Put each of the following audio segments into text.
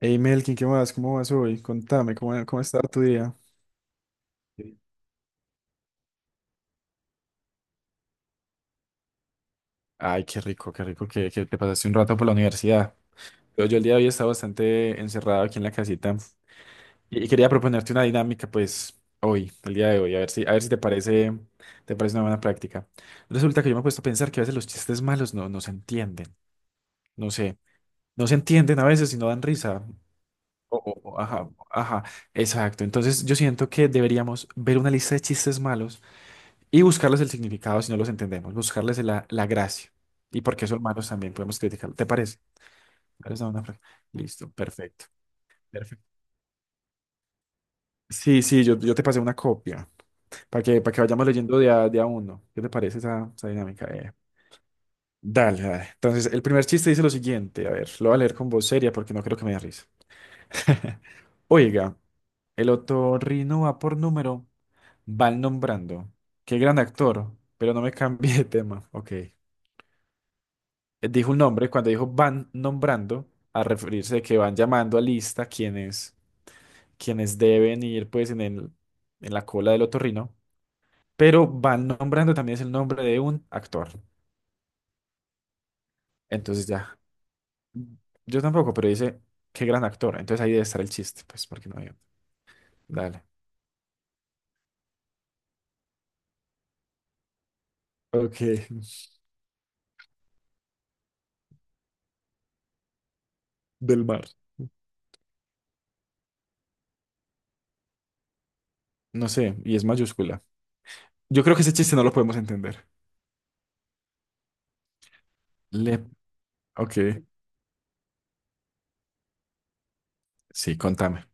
Hey Melkin, ¿qué más? ¿Cómo vas hoy? Contame, ¿cómo está tu día? Sí. Ay, qué rico que te pasaste un rato por la universidad. Yo el día de hoy estaba bastante encerrado aquí en la casita y quería proponerte una dinámica, pues, hoy, el día de hoy, a ver si te parece una buena práctica. Resulta que yo me he puesto a pensar que a veces los chistes malos no se entienden, no sé, no se entienden a veces y no dan risa. Ajá, ajá, exacto. Entonces yo siento que deberíamos ver una lista de chistes malos y buscarles el significado si no los entendemos, buscarles la gracia. Y porque son malos también podemos criticarlo. ¿Te parece? ¿Cuál es la buena Listo, perfecto. Perfecto. Sí, sí, yo te pasé una copia para que vayamos leyendo de a uno. ¿Qué te parece esa dinámica? Dale, dale. Entonces, el primer chiste dice lo siguiente. A ver, lo voy a leer con voz seria porque no creo que me dé risa. Oiga, el otorrino va por número, van nombrando. Qué gran actor, pero no me cambie de tema. Ok. Dijo un nombre, cuando dijo van nombrando, a referirse de que van llamando a lista quienes deben ir pues en la cola del otorrino, pero van nombrando también es el nombre de un actor. Entonces ya, yo tampoco, pero dice, qué gran actor. Entonces ahí debe estar el chiste, pues, porque no hay otro. Dale. Ok, del mar. No sé, y es mayúscula. Yo creo que ese chiste no lo podemos entender. Le... Ok, sí, contame.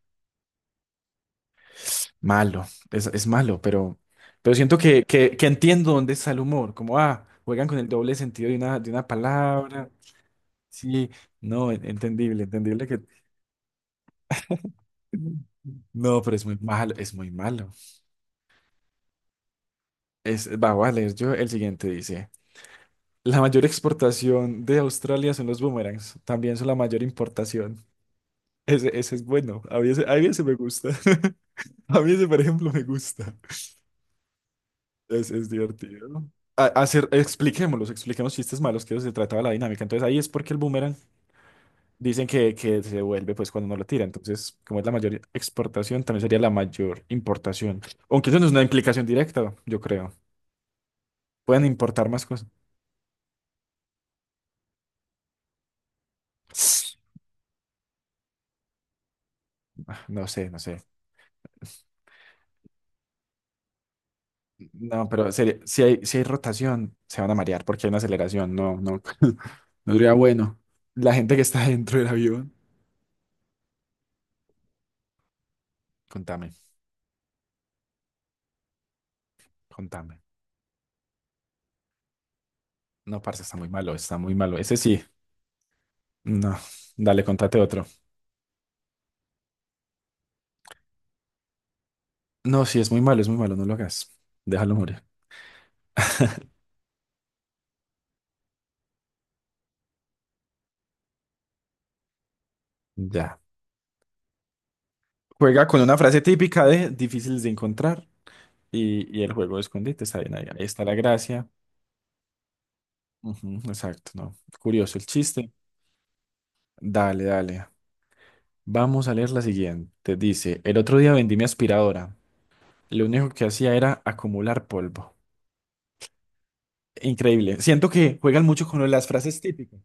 Malo, es malo, pero siento que entiendo dónde está el humor, como, ah, juegan con el doble sentido de una palabra, sí, no, entendible, entendible que... No, pero es muy malo, es muy malo. Voy a leer yo el siguiente, dice, la mayor exportación de Australia son los boomerangs, también son la mayor importación. Ese es bueno, a mí ese me gusta, a mí ese, por ejemplo, me gusta. Es divertido. Expliquemos chistes malos, que de eso se trataba la dinámica. Entonces ahí es porque el boomerang dicen que se devuelve pues cuando uno lo tira. Entonces, como es la mayor exportación, también sería la mayor importación. Aunque eso no es una implicación directa, yo creo. Pueden importar más cosas. Ah, no sé, no sé. No, pero si hay rotación, se van a marear porque hay una aceleración. No, no, no sería bueno. La gente que está dentro del avión. Contame, contame. No, parce, está muy malo, está muy malo. Ese sí. No, dale, contate otro. No, sí, es muy malo, no lo hagas. Déjalo morir. Ya. Juega con una frase típica de difíciles de encontrar y el juego de escondite está bien ahí. Ahí está la gracia. Ujú, exacto, no. Curioso el chiste. Dale, dale. Vamos a leer la siguiente. Dice, el otro día vendí mi aspiradora. Lo único que hacía era acumular polvo. Increíble. Siento que juegan mucho con lo de las frases típicas.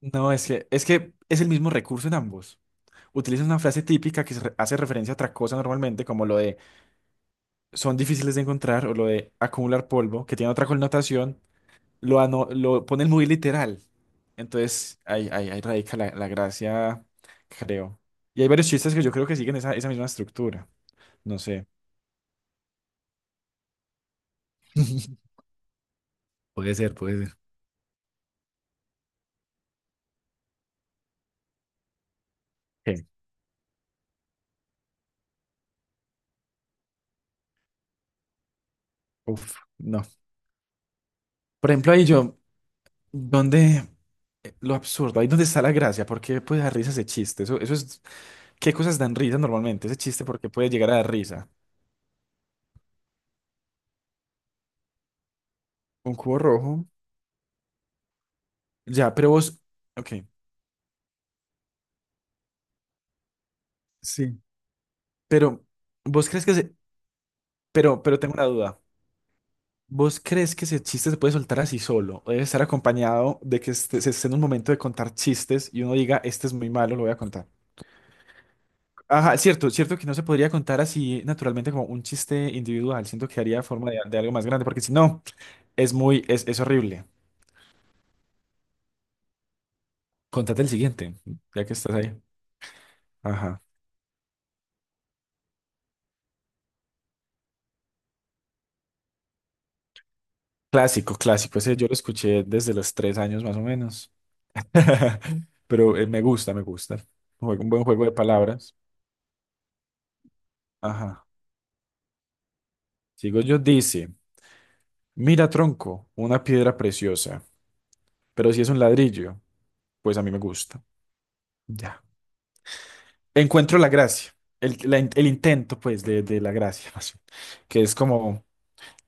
No, es que es el mismo recurso en ambos. Utilizas una frase típica que hace referencia a otra cosa normalmente, como lo de son difíciles de encontrar o lo de acumular polvo, que tiene otra connotación, lo ponen muy literal. Entonces, ahí radica la gracia, creo. Y hay varios chistes que yo creo que siguen esa misma estructura. No sé. Puede ser, puede ser. ¿Qué? Uf, no. Por ejemplo, donde lo absurdo, ahí donde está la gracia, ¿por qué puede dar risa ese chiste? ¿Qué cosas dan risa normalmente? Ese chiste, ¿por qué puede llegar a dar risa? Un cubo rojo. Ya, pero vos. Ok. Sí. Pero, ¿vos crees que se... pero tengo una duda. ¿Vos crees que ese chiste se puede soltar así solo? ¿O debe estar acompañado de que se esté en un momento de contar chistes y uno diga, este es muy malo, lo voy a contar? Ajá, cierto, cierto que no se podría contar así naturalmente como un chiste individual. Siento que haría forma de algo más grande, porque si no, es horrible. Contate el siguiente, ya que estás ahí. Ajá. Clásico, clásico. Ese yo lo escuché desde los 3 años más o menos. Pero me gusta, me gusta. Un buen juego de palabras. Ajá. Sigo yo, dice, mira, tronco, una piedra preciosa, pero si es un ladrillo, pues a mí me gusta. Ya. Encuentro la gracia, el intento, pues, de la gracia, más bien, que es como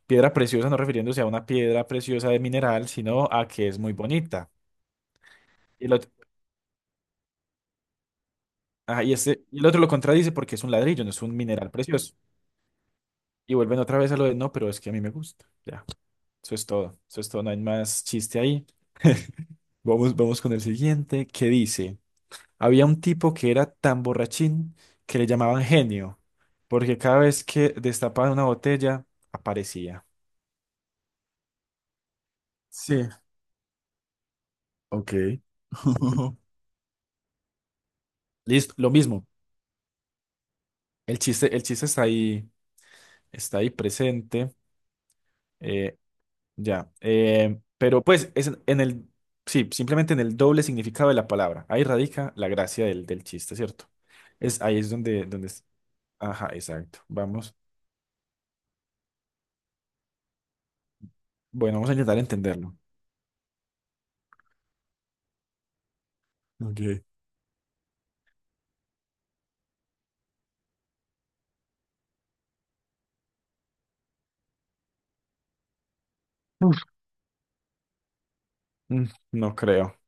piedra preciosa, no refiriéndose a una piedra preciosa de mineral, sino a que es muy bonita. Y el otro, ajá, y el otro lo contradice porque es un ladrillo, no es un mineral precioso. Y vuelven otra vez a lo de, no, pero es que a mí me gusta. Ya. Eso es todo. Eso es todo. No hay más chiste ahí. Vamos, vamos con el siguiente, que dice, había un tipo que era tan borrachín que le llamaban genio, porque cada vez que destapaban una botella, aparecía. Sí. Ok. Listo, lo mismo. El chiste está ahí, presente. eh, ya. Pero pues es en el, sí, simplemente en el doble significado de la palabra. Ahí radica la gracia del chiste, ¿cierto? Es, ahí es donde, donde Ajá, exacto. Vamos. Bueno, vamos a intentar entenderlo. Ok. Uf. Mm, no creo.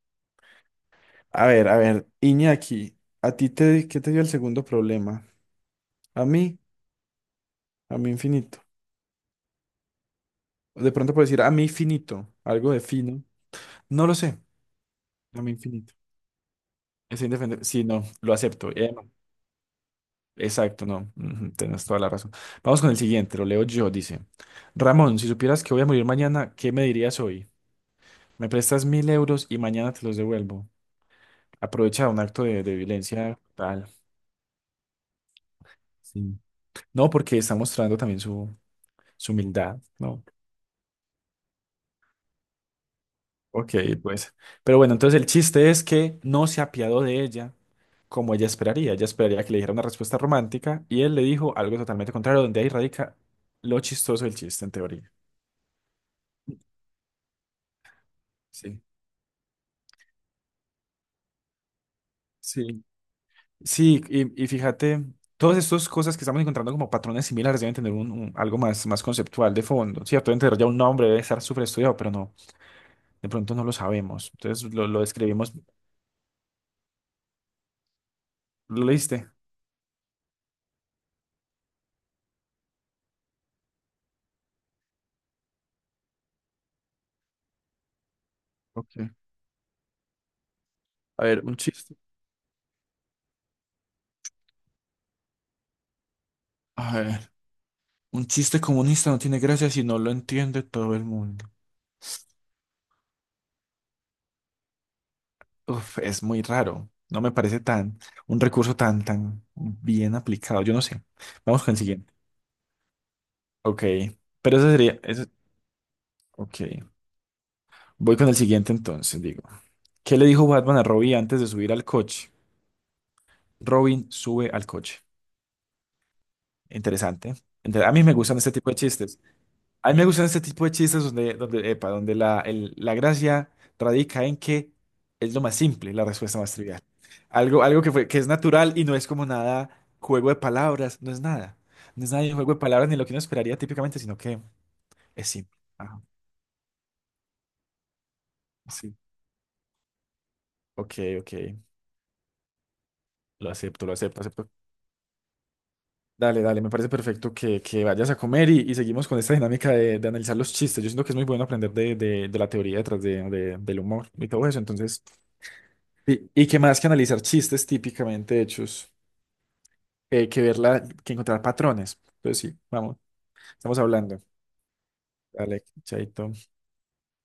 A ver, Iñaki, ¿ qué te dio el segundo problema? A mí. A mí infinito. De pronto puedo decir a mí finito, algo de fino. No lo sé, a mí infinito. Es indefendible. Sí, no, lo acepto. No. Exacto, no. Ujú, tienes toda la razón. Vamos con el siguiente, lo leo yo, dice. Ramón, si supieras que voy a morir mañana, ¿qué me dirías hoy? Me prestas 1.000 euros y mañana te los devuelvo. Aprovecha un acto de violencia tal. Sí. No, porque está mostrando también su humildad, ¿no? Ok, pues. Pero bueno, entonces el chiste es que no se apiadó de ella como ella esperaría. Ella esperaría que le dijera una respuesta romántica y él le dijo algo totalmente contrario, donde ahí radica lo chistoso del chiste, en teoría. Sí. Sí. Sí, y fíjate, todas estas cosas que estamos encontrando como patrones similares deben tener un, algo más, más conceptual de fondo, ¿cierto? Deben tener ya un nombre, debe estar súper estudiado, pero no. De pronto no lo sabemos. Entonces lo describimos. ¿Lo leíste? Ok. A ver, un chiste. A ver, un chiste comunista no tiene gracia si no lo entiende todo el mundo. Uf, es muy raro. No me parece un recurso tan bien aplicado. Yo no sé. Vamos con el siguiente. Ok. Pero ok. Voy con el siguiente entonces, digo. ¿Qué le dijo Batman a Robin antes de subir al coche? Robin sube al coche. Interesante. A mí me gustan este tipo de chistes. A mí me gustan este tipo de chistes donde la gracia radica en que es lo más simple, la respuesta más trivial. Algo que es natural y no es como nada juego de palabras, no es nada. No es nada de juego de palabras ni lo que uno esperaría típicamente, sino que es simple. Ajá, sí. Ok, ok. Lo acepto, acepto. Dale, dale, me parece perfecto que vayas a comer y seguimos con esta dinámica de analizar los chistes. Yo siento que es muy bueno aprender de la teoría detrás del humor y todo eso. Entonces. Y que más que analizar chistes típicamente hechos, que encontrar patrones. Entonces sí, vamos, estamos hablando. Dale, chaito.